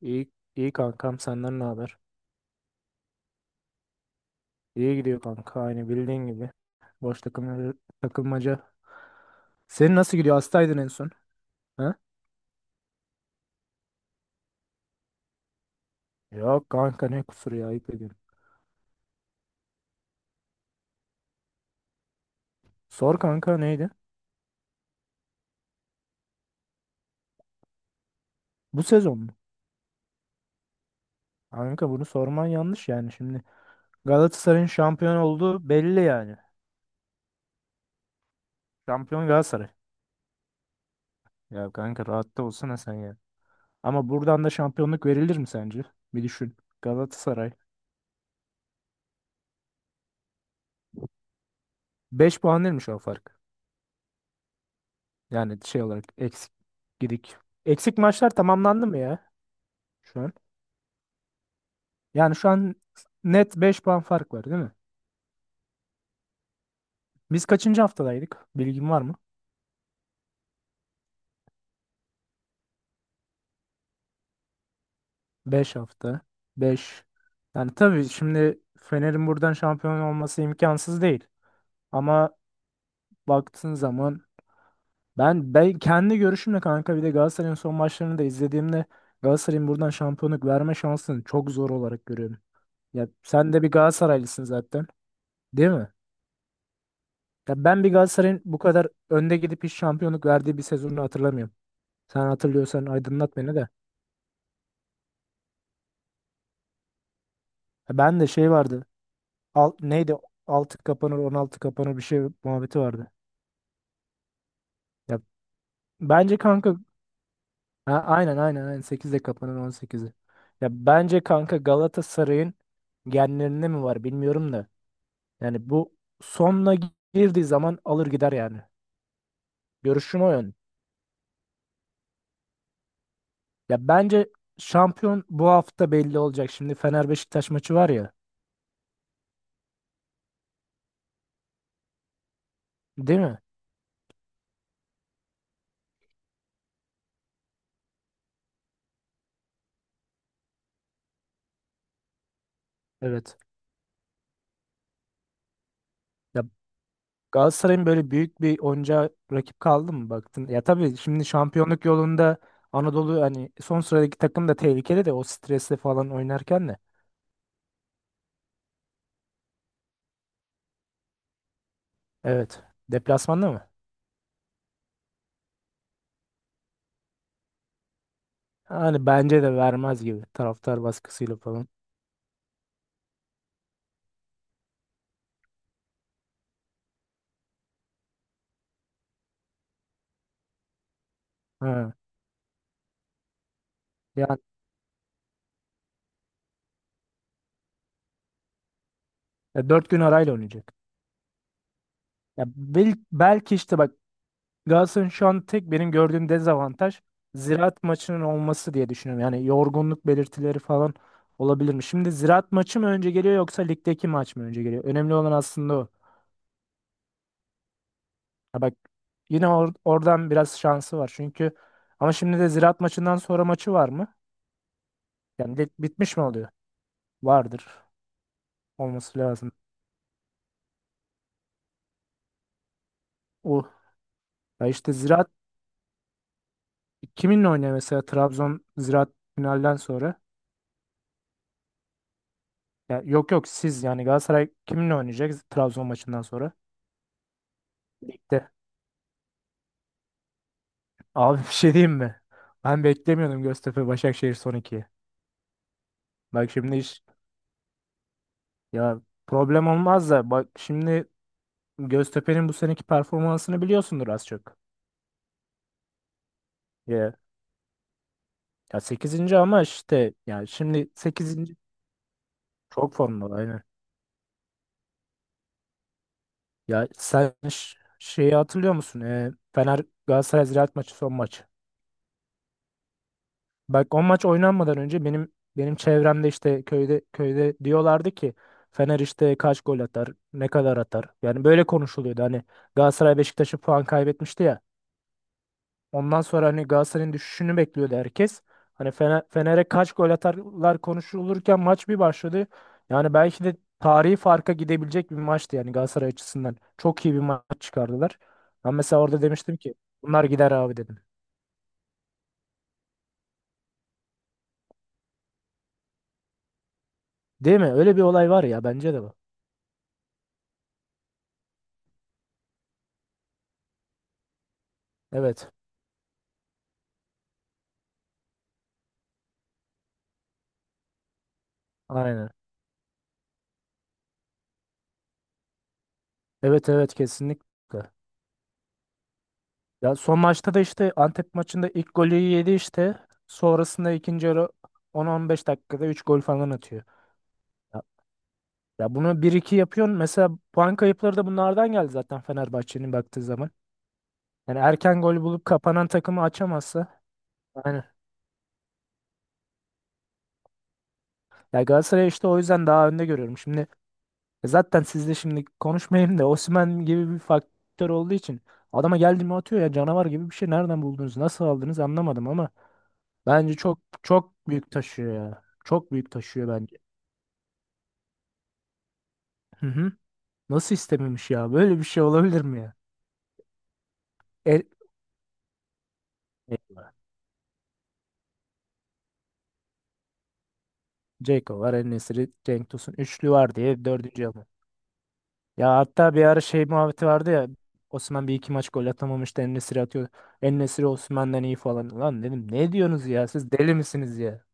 İyi, iyi kankam senden ne haber? İyi gidiyor kanka aynı bildiğin gibi. Boş takım, takılmaca. Senin nasıl gidiyor? Hastaydın en son. Ha? Yok kanka ne kusuru ya, ayıp ediyorum. Sor kanka, neydi? Bu sezon mu? Kanka bunu sorman yanlış yani şimdi. Galatasaray'ın şampiyon olduğu belli yani. Şampiyon Galatasaray. Ya kanka rahatta olsana sen ya. Ama buradan da şampiyonluk verilir mi sence? Bir düşün. Galatasaray. 5 puan değilmiş o fark. Yani şey olarak eksik gidik. Eksik maçlar tamamlandı mı ya? Şu an. Yani şu an net 5 puan fark var değil mi? Biz kaçıncı haftadaydık? Bilgin var mı? 5 hafta. Beş. Yani tabii şimdi Fener'in buradan şampiyon olması imkansız değil. Ama baktığın zaman ben kendi görüşümle kanka, bir de Galatasaray'ın son maçlarını da izlediğimde Galatasaray'ın buradan şampiyonluk verme şansını çok zor olarak görüyorum. Ya sen de bir Galatasaraylısın zaten, değil mi? Ya ben bir Galatasaray'ın bu kadar önde gidip hiç şampiyonluk verdiği bir sezonunu hatırlamıyorum. Sen hatırlıyorsan aydınlat beni de. Ben de şey vardı. Al, neydi? Altı kapanır 16 kapanır bir şey muhabbeti vardı. Ya bence kanka, ha, aynen sekizde kapanır 18'de. Ya bence kanka Galatasaray'ın genlerinde mi var bilmiyorum da. Yani bu sonuna girdiği zaman alır gider yani. Görüşüm o yön. Ya bence şampiyon bu hafta belli olacak. Şimdi Fener Beşiktaş maçı var ya. Değil mi? Evet. Ya Galatasaray'ın böyle büyük bir oyuncağa rakip kaldı mı baktın? Ya tabii şimdi şampiyonluk yolunda Anadolu, hani son sıradaki takım da tehlikeli de o stresle falan oynarken de. Evet. Deplasmanda mı? Hani bence de vermez gibi, taraftar baskısıyla falan. Ha. Yani dört gün arayla oynayacak. Ya belki işte bak, Galatasaray'ın şu an tek benim gördüğüm dezavantaj Ziraat maçının olması diye düşünüyorum. Yani yorgunluk belirtileri falan olabilir mi? Şimdi Ziraat maçı mı önce geliyor yoksa ligdeki maç mı önce geliyor? Önemli olan aslında o. Ya bak, yine oradan biraz şansı var. Çünkü ama şimdi de Ziraat maçından sonra maçı var mı? Yani lig bitmiş mi oluyor? Vardır. Olması lazım. O ya işte Ziraat kiminle oynuyor, mesela Trabzon Ziraat finalden sonra? Ya yok yok siz, yani Galatasaray kiminle oynayacak Trabzon maçından sonra? Ligde. Abi bir şey diyeyim mi? Ben beklemiyordum Göztepe Başakşehir son ikiyi. Bak şimdi iş, ya problem olmaz da bak şimdi Göztepe'nin bu seneki performansını biliyorsundur az çok. Ya, ya sekizinci ama işte yani şimdi sekizinci çok formda aynen. Ya sen şeyi hatırlıyor musun? Fener Galatasaray Ziraat maçı son maç. Bak o maç oynanmadan önce benim çevremde işte köyde diyorlardı ki Fener işte kaç gol atar, ne kadar atar. Yani böyle konuşuluyordu. Hani Galatasaray Beşiktaş'ı puan kaybetmişti ya. Ondan sonra hani Galatasaray'ın düşüşünü bekliyordu herkes. Hani Fener'e kaç gol atarlar konuşulurken maç bir başladı. Yani belki de tarihi farka gidebilecek bir maçtı yani Galatasaray açısından. Çok iyi bir maç çıkardılar. Ben mesela orada demiştim ki bunlar gider abi dedim. Değil mi? Öyle bir olay var ya bence de bu. Evet. Aynen. Evet, evet, kesinlikle. Ya son maçta da işte Antep maçında ilk golü yedi işte. Sonrasında ikinci yarı 10-15 dakikada 3 gol falan atıyor. Ya, ya bunu bir iki yapıyorsun. Mesela puan kayıpları da bunlardan geldi zaten Fenerbahçe'nin baktığı zaman. Yani erken gol bulup kapanan takımı açamazsa. Aynen. Ya Galatasaray işte o yüzden daha önde görüyorum. Şimdi e zaten sizle şimdi konuşmayayım da Osimhen gibi bir faktör olduğu için adama geldi mi atıyor ya canavar gibi bir şey, nereden buldunuz nasıl aldınız anlamadım ama bence çok çok büyük taşıyor ya. Çok büyük taşıyor bence. Hı hı. Nasıl istememiş ya? Böyle bir şey olabilir mi ya? El, e, Ceko var, En-Nesyri, Cenk Tosun. Üçlü var diye dördüncü alıyor. Ya hatta bir ara şey muhabbeti vardı ya. Osman bir iki maç gol atamamıştı. En-Nesyri atıyor. En-Nesyri Osman'dan iyi falan. Lan dedim ne diyorsunuz ya? Siz deli misiniz ya?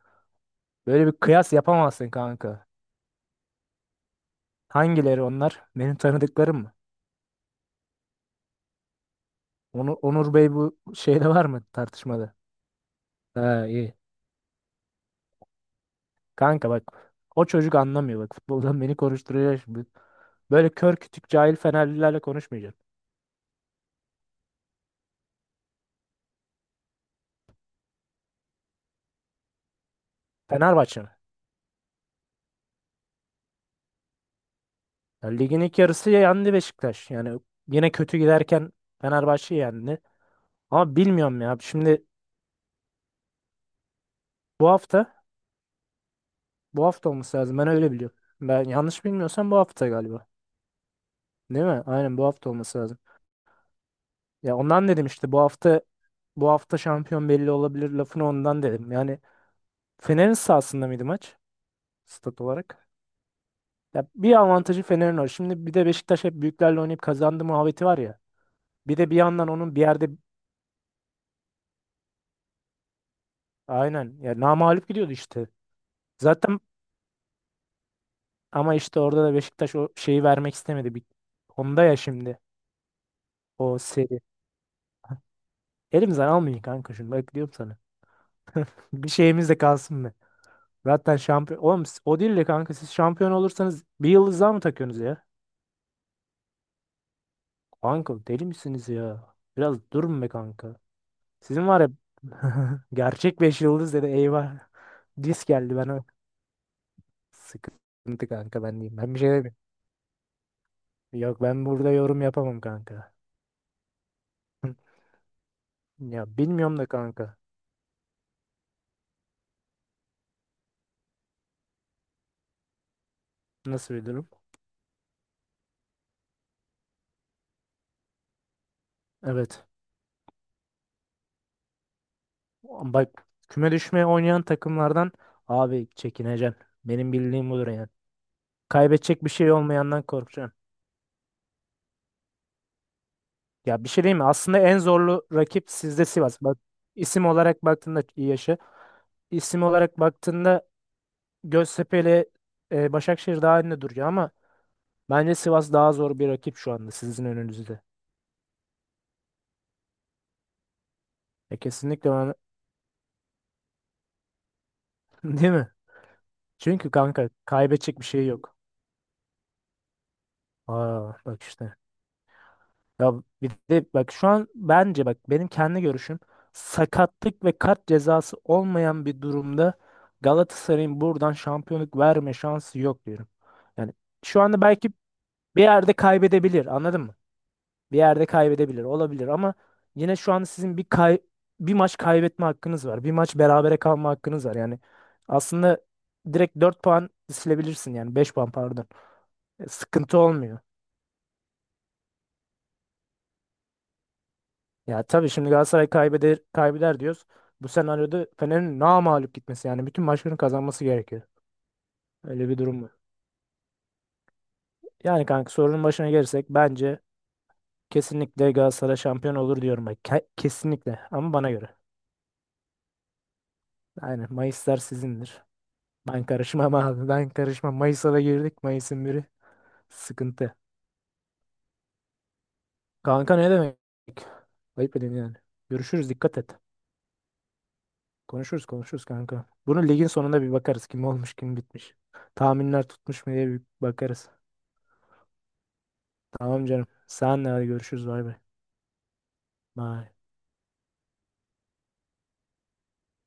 Böyle bir kıyas yapamazsın kanka. Hangileri onlar? Benim tanıdıklarım mı? Onur Bey bu şeyde var mı, tartışmada? Ha, iyi. Kanka bak o çocuk anlamıyor bak, futboldan beni konuşturuyor şimdi. Böyle kör kütük cahil Fenerlilerle konuşmayacaksın. Fenerbahçe mi? Ya ligin ilk yarısı yendi Beşiktaş. Yani yine kötü giderken Fenerbahçe yendi. Ama bilmiyorum ya. Şimdi bu hafta bu hafta olması lazım. Ben öyle biliyorum. Ben yanlış bilmiyorsam bu hafta galiba. Değil mi? Aynen bu hafta olması lazım. Ya ondan dedim işte, bu hafta şampiyon belli olabilir lafını ondan dedim. Yani Fener'in sahasında mıydı maç? Stat olarak. Ya bir avantajı Fener'in var. Şimdi bir de Beşiktaş hep büyüklerle oynayıp kazandı muhabbeti var ya. Bir de bir yandan onun bir yerde aynen ya namağlup gidiyordu işte. Zaten ama işte orada da Beşiktaş o şeyi vermek istemedi. Bir, onda ya şimdi o seri. Elimizden almayın kanka şunu, bak diyorum sana. Bir şeyimiz de kalsın be. Zaten şampiyon. Oğlum o değil de kanka siz şampiyon olursanız bir yıldız daha mı takıyorsunuz ya? Kanka deli misiniz ya? Biraz durun be kanka. Sizin var ya gerçek beş yıldız dedi, eyvah. Disk geldi ben. Sıkıntı kanka, ben diyeyim. Ben bir şey demiyorum. Yok, ben burada yorum yapamam kanka. Ya bilmiyorum da kanka. Nasıl bir durum? Evet. Bak, küme düşmeye oynayan takımlardan abi çekineceksin. Benim bildiğim budur yani. Kaybedecek bir şey olmayandan korkacaksın. Ya bir şey değil mi? Aslında en zorlu rakip sizde Sivas. Bak, isim olarak baktığında iyi yaşı. İsim olarak baktığında Göztepe ile Başakşehir daha önde duruyor ama bence Sivas daha zor bir rakip şu anda sizin önünüzde. Kesinlikle ben. Değil mi? Çünkü kanka kaybedecek bir şey yok. Aa bak işte. Ya bir de bak şu an bence, bak benim kendi görüşüm, sakatlık ve kart cezası olmayan bir durumda Galatasaray'ın buradan şampiyonluk verme şansı yok diyorum. Yani şu anda belki bir yerde kaybedebilir, anladın mı? Bir yerde kaybedebilir olabilir ama yine şu anda sizin bir bir maç kaybetme hakkınız var. Bir maç berabere kalma hakkınız var. Yani aslında direkt 4 puan silebilirsin, yani 5 puan, pardon. Sıkıntı olmuyor. Ya tabii şimdi Galatasaray kaybeder diyoruz. Bu senaryoda Fener'in namağlup gitmesi yani bütün maçlarını kazanması gerekiyor. Öyle bir durum var. Yani kanka, sorunun başına gelirsek bence kesinlikle Galatasaray şampiyon olur diyorum. Bak, kesinlikle, ama bana göre. Yani Mayıslar sizindir. Ben karışmam abi. Ben karışmam. Mayıs'a da girdik. Mayıs'ın biri sıkıntı. Kanka ne demek? Ayıp edin yani. Görüşürüz. Dikkat et. Konuşuruz konuşuruz kanka. Bunu ligin sonunda bir bakarız. Kim olmuş kim bitmiş. Tahminler tutmuş mu diye bir bakarız. Tamam canım. Senle hadi görüşürüz. Bay bay. Bye.